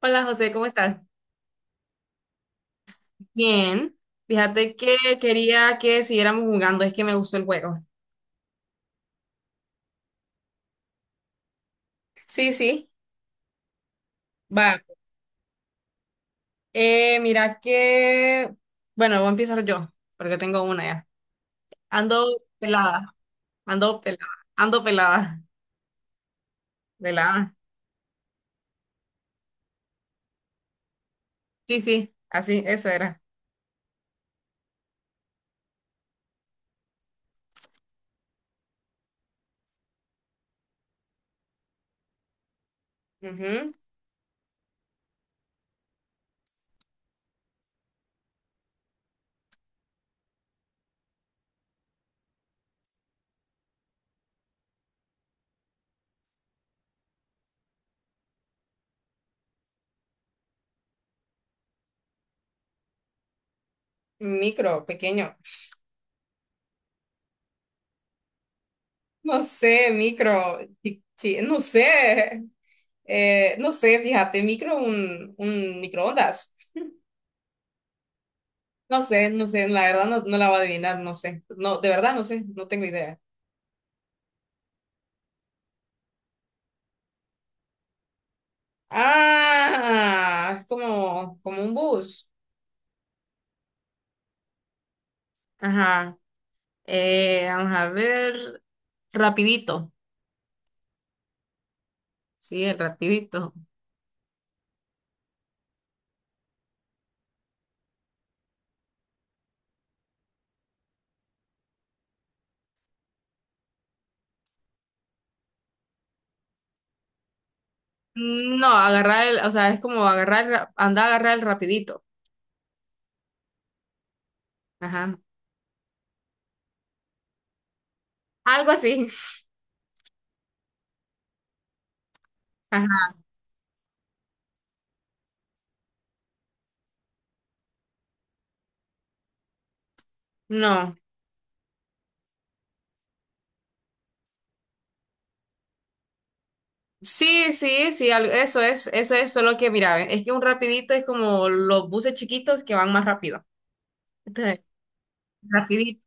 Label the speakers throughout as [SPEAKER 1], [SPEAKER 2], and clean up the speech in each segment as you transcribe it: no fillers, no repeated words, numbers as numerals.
[SPEAKER 1] Hola José, ¿cómo estás? Bien. Fíjate que quería que siguiéramos jugando, es que me gustó el juego. Sí, sí, va. Eh, mira que, bueno, Voy a empezar yo, porque tengo una ya. Ando pelada, ando pelada, ando pelada, pelada. Sí, sí, así, eso era. Ujú. Micro, pequeño. No sé, micro, no sé. No sé, fíjate, micro, un microondas. No sé, no sé, la verdad no, no la va a adivinar, no sé. No, de verdad no sé, no tengo idea. Ah, es como, como un bus. Ajá. Vamos a ver. Rapidito. Sí, el rapidito. No, agarrar el, o sea, es como agarrar, andar a agarrar el rapidito. Ajá. Algo así. Ajá. No. Sí, sí, sí, eso es solo que, mira, ve, es que un rapidito es como los buses chiquitos que van más rápido. Entonces, rapidito.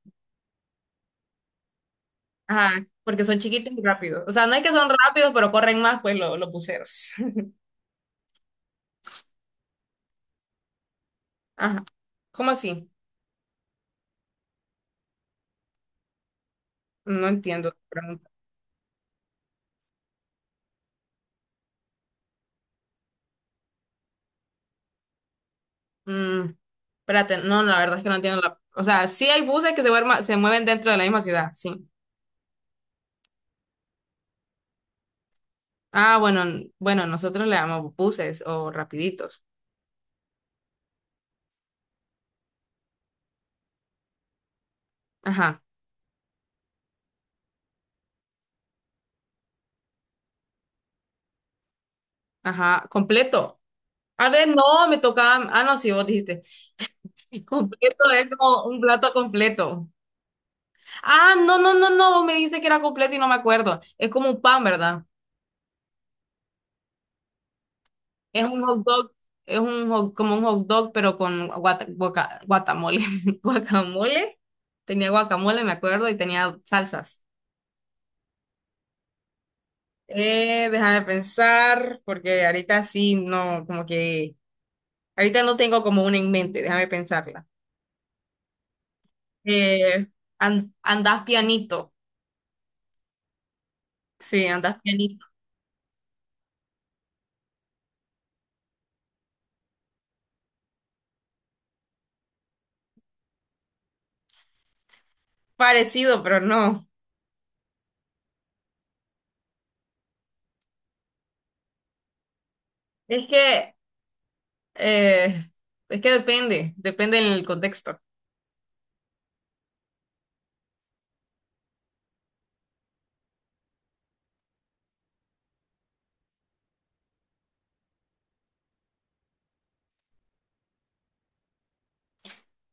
[SPEAKER 1] Ajá, porque son chiquitos y rápidos. O sea, no es que son rápidos, pero corren más, pues los buceros. Ajá. ¿Cómo así? No entiendo la pregunta. Mm, Espérate, no, la verdad es que no entiendo la... O sea, sí hay buses que se, se mueven dentro de la misma ciudad, sí. Ah, bueno, bueno, nosotros le llamamos buses o rapiditos. Ajá, ajá, completo. A ver, no, me tocaba... Ah, no, sí, vos dijiste. Completo es como un plato completo. Ah, no, no, no, no, vos me dijiste que era completo y no me acuerdo. Es como un pan, ¿verdad? Es un hot dog, es un como un hot dog, pero con guacamole. Guacamole. Tenía guacamole, me acuerdo, y tenía salsas. Deja de pensar, porque ahorita sí, no, como que, ahorita no tengo como una en mente, déjame pensarla. Eh, Andás pianito. Sí, andás pianito. Parecido, pero no. Es que, eh, es que depende, depende del contexto.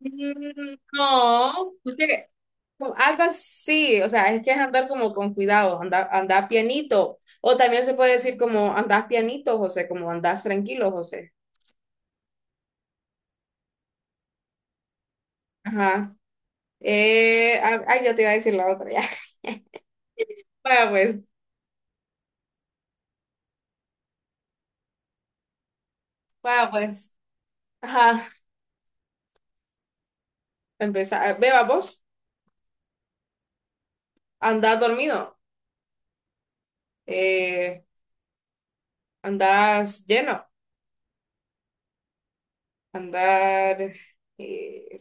[SPEAKER 1] Mm, no, porque como algo así, o sea, es que es andar como con cuidado, andar, andar pianito. O también se puede decir como andás pianito, José, como andás tranquilo, José. Ajá. Ay, yo te iba a decir la otra ya. Vaya pues, vaya pues. Ajá. Empezar. Beba vos, andás dormido, eh, andás lleno, andar, eh,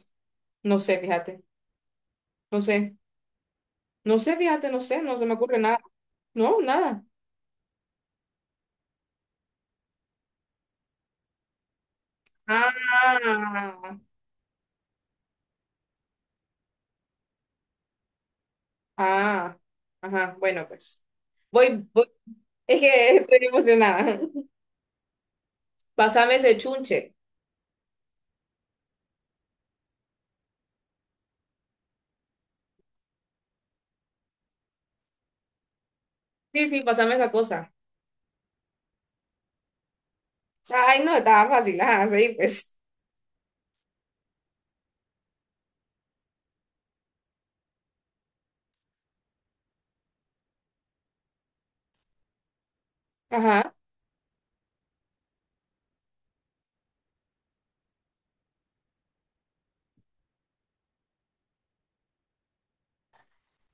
[SPEAKER 1] no sé, fíjate, no sé, no sé, fíjate, no sé, no se me ocurre nada. No, nada. Ah, ah, ajá, bueno, pues. Voy, voy. Es que estoy emocionada. Pásame ese chunche. Sí, sí, pásame esa cosa. Ay, no, estaba fácil. Ajá, sí, pues. Ajá,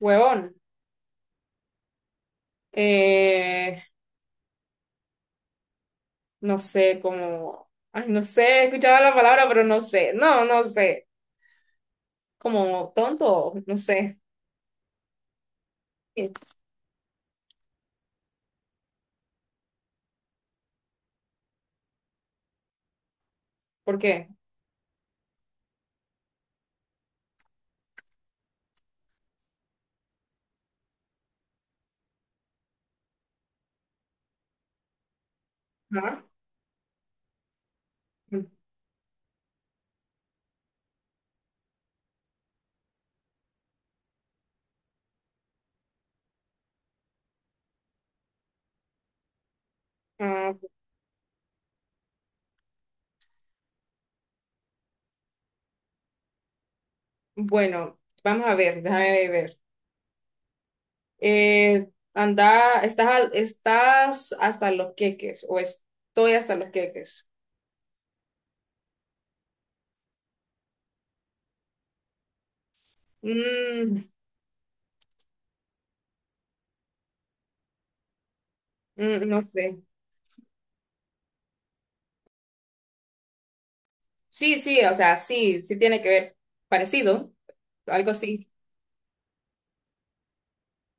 [SPEAKER 1] huevón. Eh, no sé, como. Ay, no sé, escuchaba la palabra, pero no sé. No, no sé. Como tonto, no sé. Eh, ¿Por qué? Ajá. Mm, ah, bueno, vamos a ver, déjame ver. Anda, estás, estás hasta los queques, o estoy hasta los queques. Mm, mm, no sé. Sí, sí, o sea, sí, sí tiene que ver. Parecido, algo así.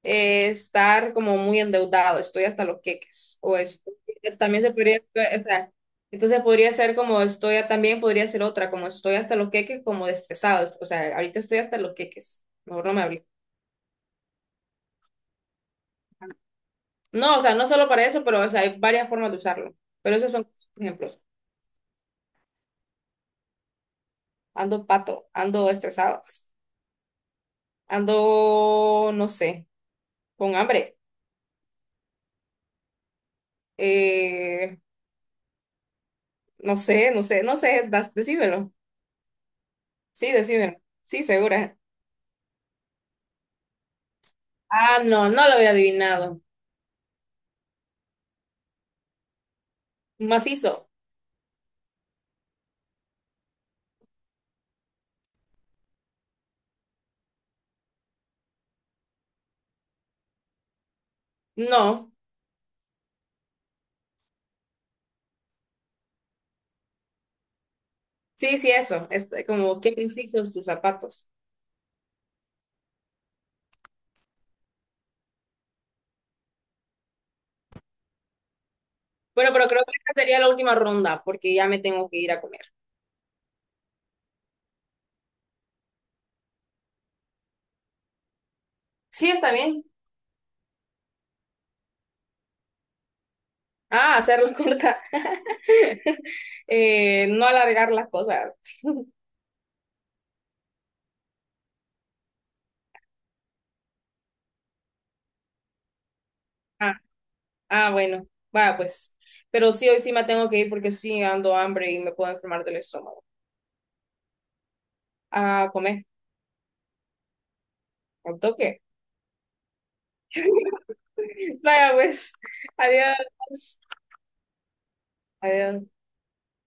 [SPEAKER 1] Estar como muy endeudado, estoy hasta los queques. También se podría, o sea, entonces podría ser como estoy, también podría ser otra, como estoy hasta los queques, como estresado. O sea, ahorita estoy hasta los queques. Mejor no me hables. No, o sea, no solo para eso, pero o sea, hay varias formas de usarlo. Pero esos son ejemplos. Ando pato, ando estresado, ando, no sé, con hambre. Eh, no sé, no sé, no sé, decímelo. Sí, decímelo. Sí, segura. Ah, no, no lo había adivinado. Macizo. No. Sí, sí, eso. Este, como, ¿qué macizo tus zapatos? Bueno, pero creo que esta sería la última ronda porque ya me tengo que ir a comer. Sí, está bien. Ah, hacerla corta. No alargar las cosas. Ah, ah, bueno. Va, pues. Pero sí, hoy sí me tengo que ir porque sí ando hambre y me puedo enfermar del estómago. A comer, al toque. Vaya, pues. Adiós. Adiós.